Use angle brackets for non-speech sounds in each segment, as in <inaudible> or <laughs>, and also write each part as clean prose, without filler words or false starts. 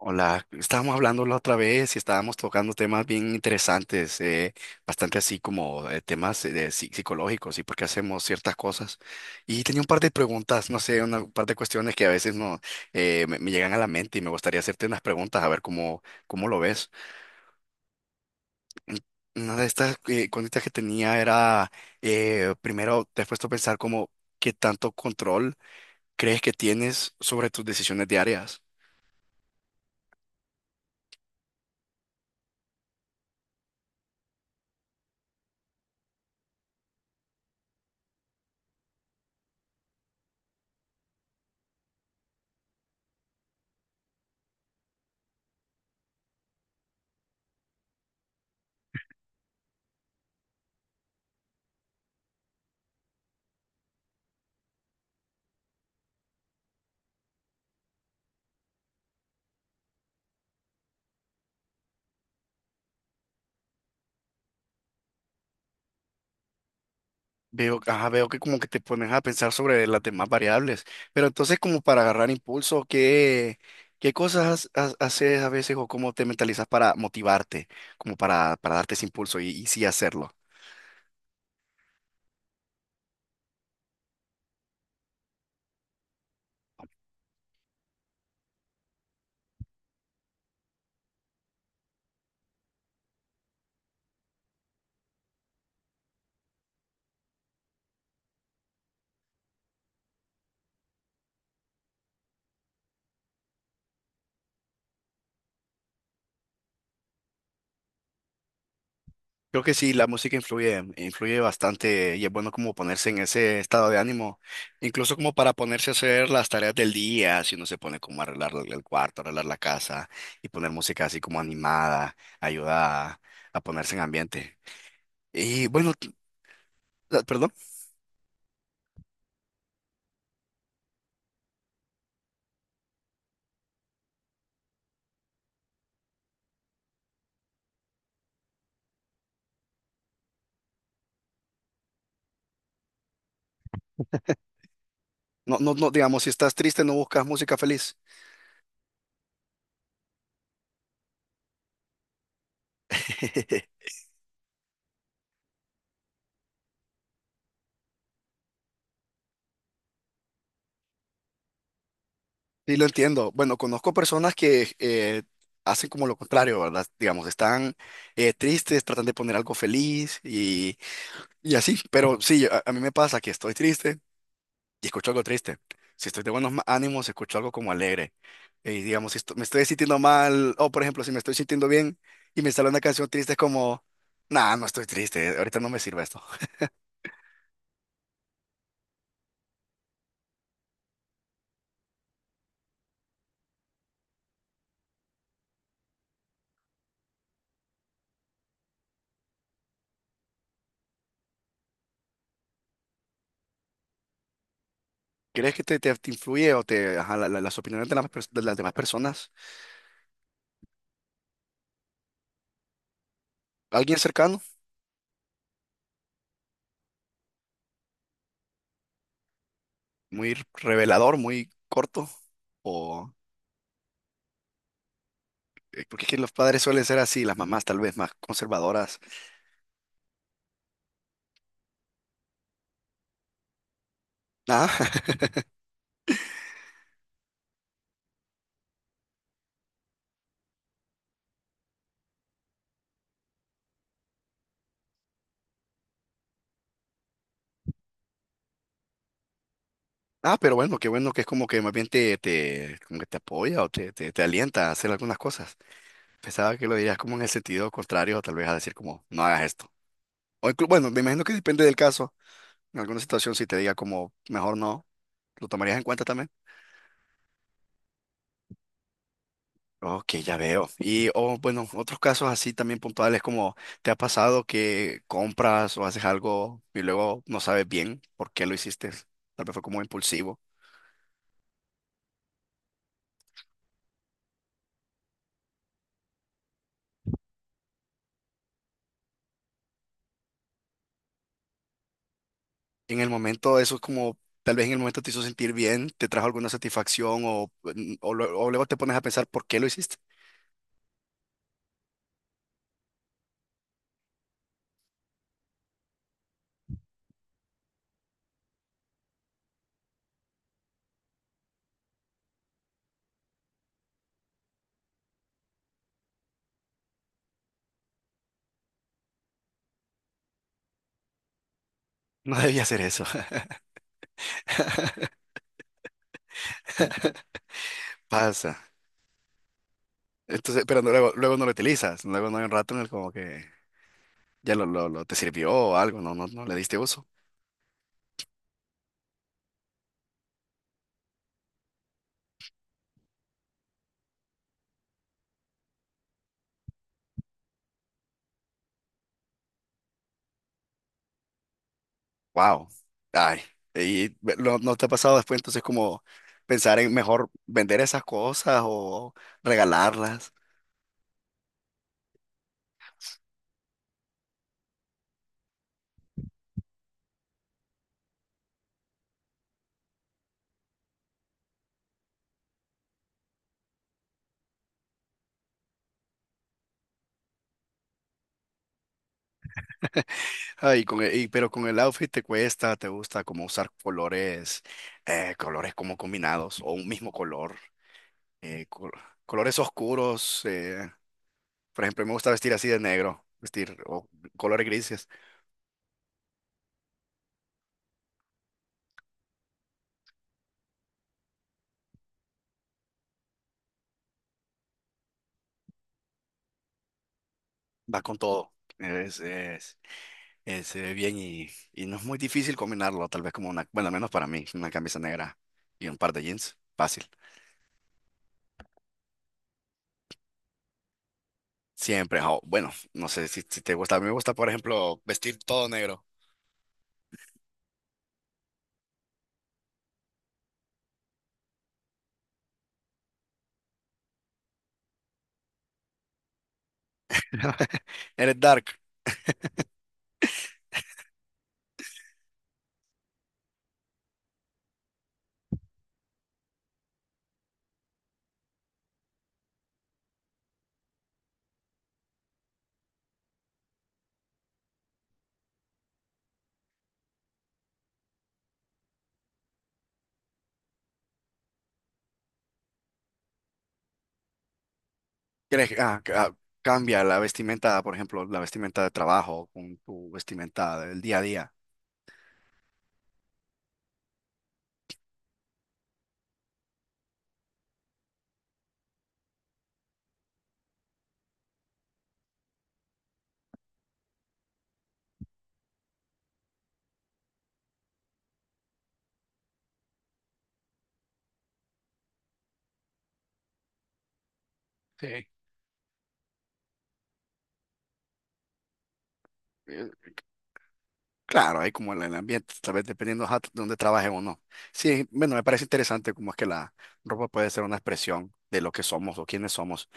Hola, estábamos hablando la otra vez y estábamos tocando temas bien interesantes, bastante así como temas de psicológicos y por qué hacemos ciertas cosas. Y tenía un par de preguntas, no sé, un par de cuestiones que a veces no me llegan a la mente y me gustaría hacerte unas preguntas a ver cómo lo ves. Mm, una de estas cuentas que tenía era, primero, ¿te has puesto a pensar como qué tanto control crees que tienes sobre tus decisiones diarias? Veo, ajá, veo que como que te pones a pensar sobre las demás variables, pero entonces como para agarrar impulso, ¿qué cosas haces a veces o cómo te mentalizas para motivarte, como para darte ese impulso y sí hacerlo? Creo que sí, la música influye, influye bastante y es bueno como ponerse en ese estado de ánimo, incluso como para ponerse a hacer las tareas del día, si uno se pone como a arreglar el cuarto, arreglar la casa y poner música así como animada, ayuda a ponerse en ambiente. Y bueno, perdón. No, no, no, digamos, si estás triste, no buscas música feliz. <laughs> Sí, lo entiendo. Bueno, conozco personas que hacen como lo contrario, ¿verdad? Digamos, están tristes, tratan de poner algo feliz y así. Pero sí, a mí me pasa que estoy triste y escucho algo triste. Si estoy de buenos ánimos, escucho algo como alegre. Y digamos, si me estoy sintiendo mal, o por ejemplo, si me estoy sintiendo bien y me sale una canción triste, es como, nah, no estoy triste, ahorita no me sirve esto. ¿Crees que te influye o te, ajá, las opiniones de de las demás personas? ¿Alguien cercano? ¿Muy revelador, muy corto? ¿O porque es que los padres suelen ser así, las mamás tal vez más conservadoras? Ah, <laughs> ah, pero bueno, qué bueno que es como que más bien como que te apoya o te alienta a hacer algunas cosas. Pensaba que lo dirías como en el sentido contrario, tal vez a decir como, no hagas esto. O bueno, me imagino que depende del caso. En alguna situación, si te diga como, mejor no, ¿lo tomarías en cuenta también? Ok, ya veo. Y, o bueno, otros casos así también puntuales como ¿te ha pasado que compras o haces algo y luego no sabes bien por qué lo hiciste? Tal vez fue como impulsivo. En el momento, eso es como, tal vez en el momento te hizo sentir bien, te trajo alguna satisfacción o, o luego te pones a pensar por qué lo hiciste. <laughs> No debía hacer eso. <laughs> Pasa. Entonces, pero luego, luego no lo utilizas. Luego no hay un rato en el como que ya te sirvió o algo, no, no, no le diste uso. Wow. Ay, y ¿no te ha pasado después entonces como pensar en mejor vender esas cosas o regalarlas? Ay, con pero con el outfit te cuesta, te gusta como usar colores, colores como combinados o un mismo color, eh, col- colores oscuros. Por ejemplo, me gusta vestir así de negro, vestir o colores grises, va con todo. Es, es- se ve bien y no es muy difícil combinarlo, tal vez como una, bueno, al menos para mí, una camisa negra y un par de jeans, fácil. Siempre, jo, bueno, no sé si te gusta, a mí me gusta, por ejemplo, vestir todo negro. <laughs> Eres dark, ¿quieres cambia la vestimenta, por ejemplo, la vestimenta de trabajo con tu vestimenta del día a día? Sí. Claro, hay como el ambiente, tal vez dependiendo ajá, de dónde trabaje o no. Sí, bueno, me parece interesante cómo es que la ropa puede ser una expresión de lo que somos o quiénes somos.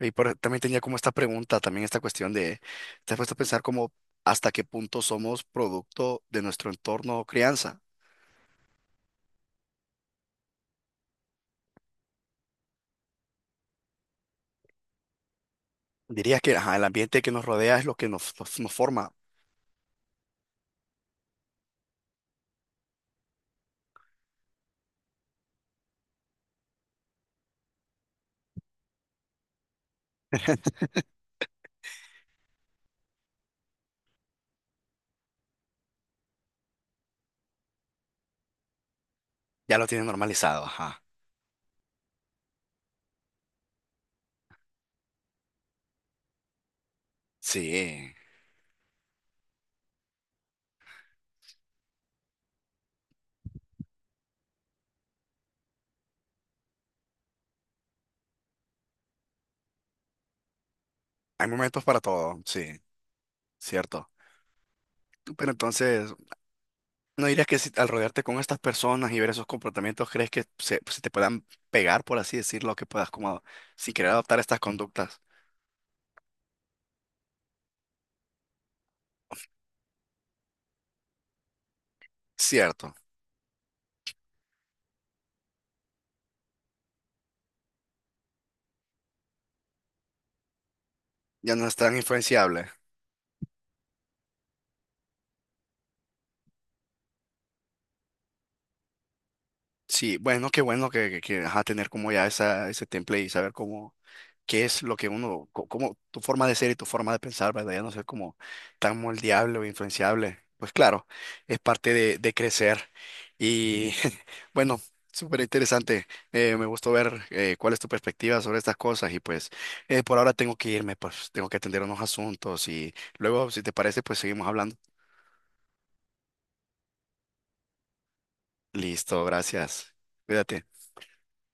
Y también tenía como esta pregunta, también esta cuestión de, ¿te has puesto a pensar como hasta qué punto somos producto de nuestro entorno o crianza? Dirías que ajá, el ambiente que nos rodea es lo que nos forma. Ya lo tienes normalizado, ajá. Sí, hay momentos para todo, sí, cierto. Pero entonces, ¿no dirías que si al rodearte con estas personas y ver esos comportamientos, crees que se, pues, se te puedan pegar, por así decirlo, que puedas como si querer adoptar estas conductas? Cierto, ya no es tan influenciable. Sí, bueno, qué bueno que, ajá, tener como ya esa, ese temple y saber cómo qué es lo que uno, cómo tu forma de ser y tu forma de pensar, ¿verdad? Ya no ser como tan moldeable o influenciable. Pues claro, es parte de crecer. Y <laughs> bueno, súper interesante. Me gustó ver cuál es tu perspectiva sobre estas cosas. Y pues por ahora tengo que irme, pues tengo que atender unos asuntos. Y luego, si te parece, pues seguimos hablando. Listo, gracias. Cuídate.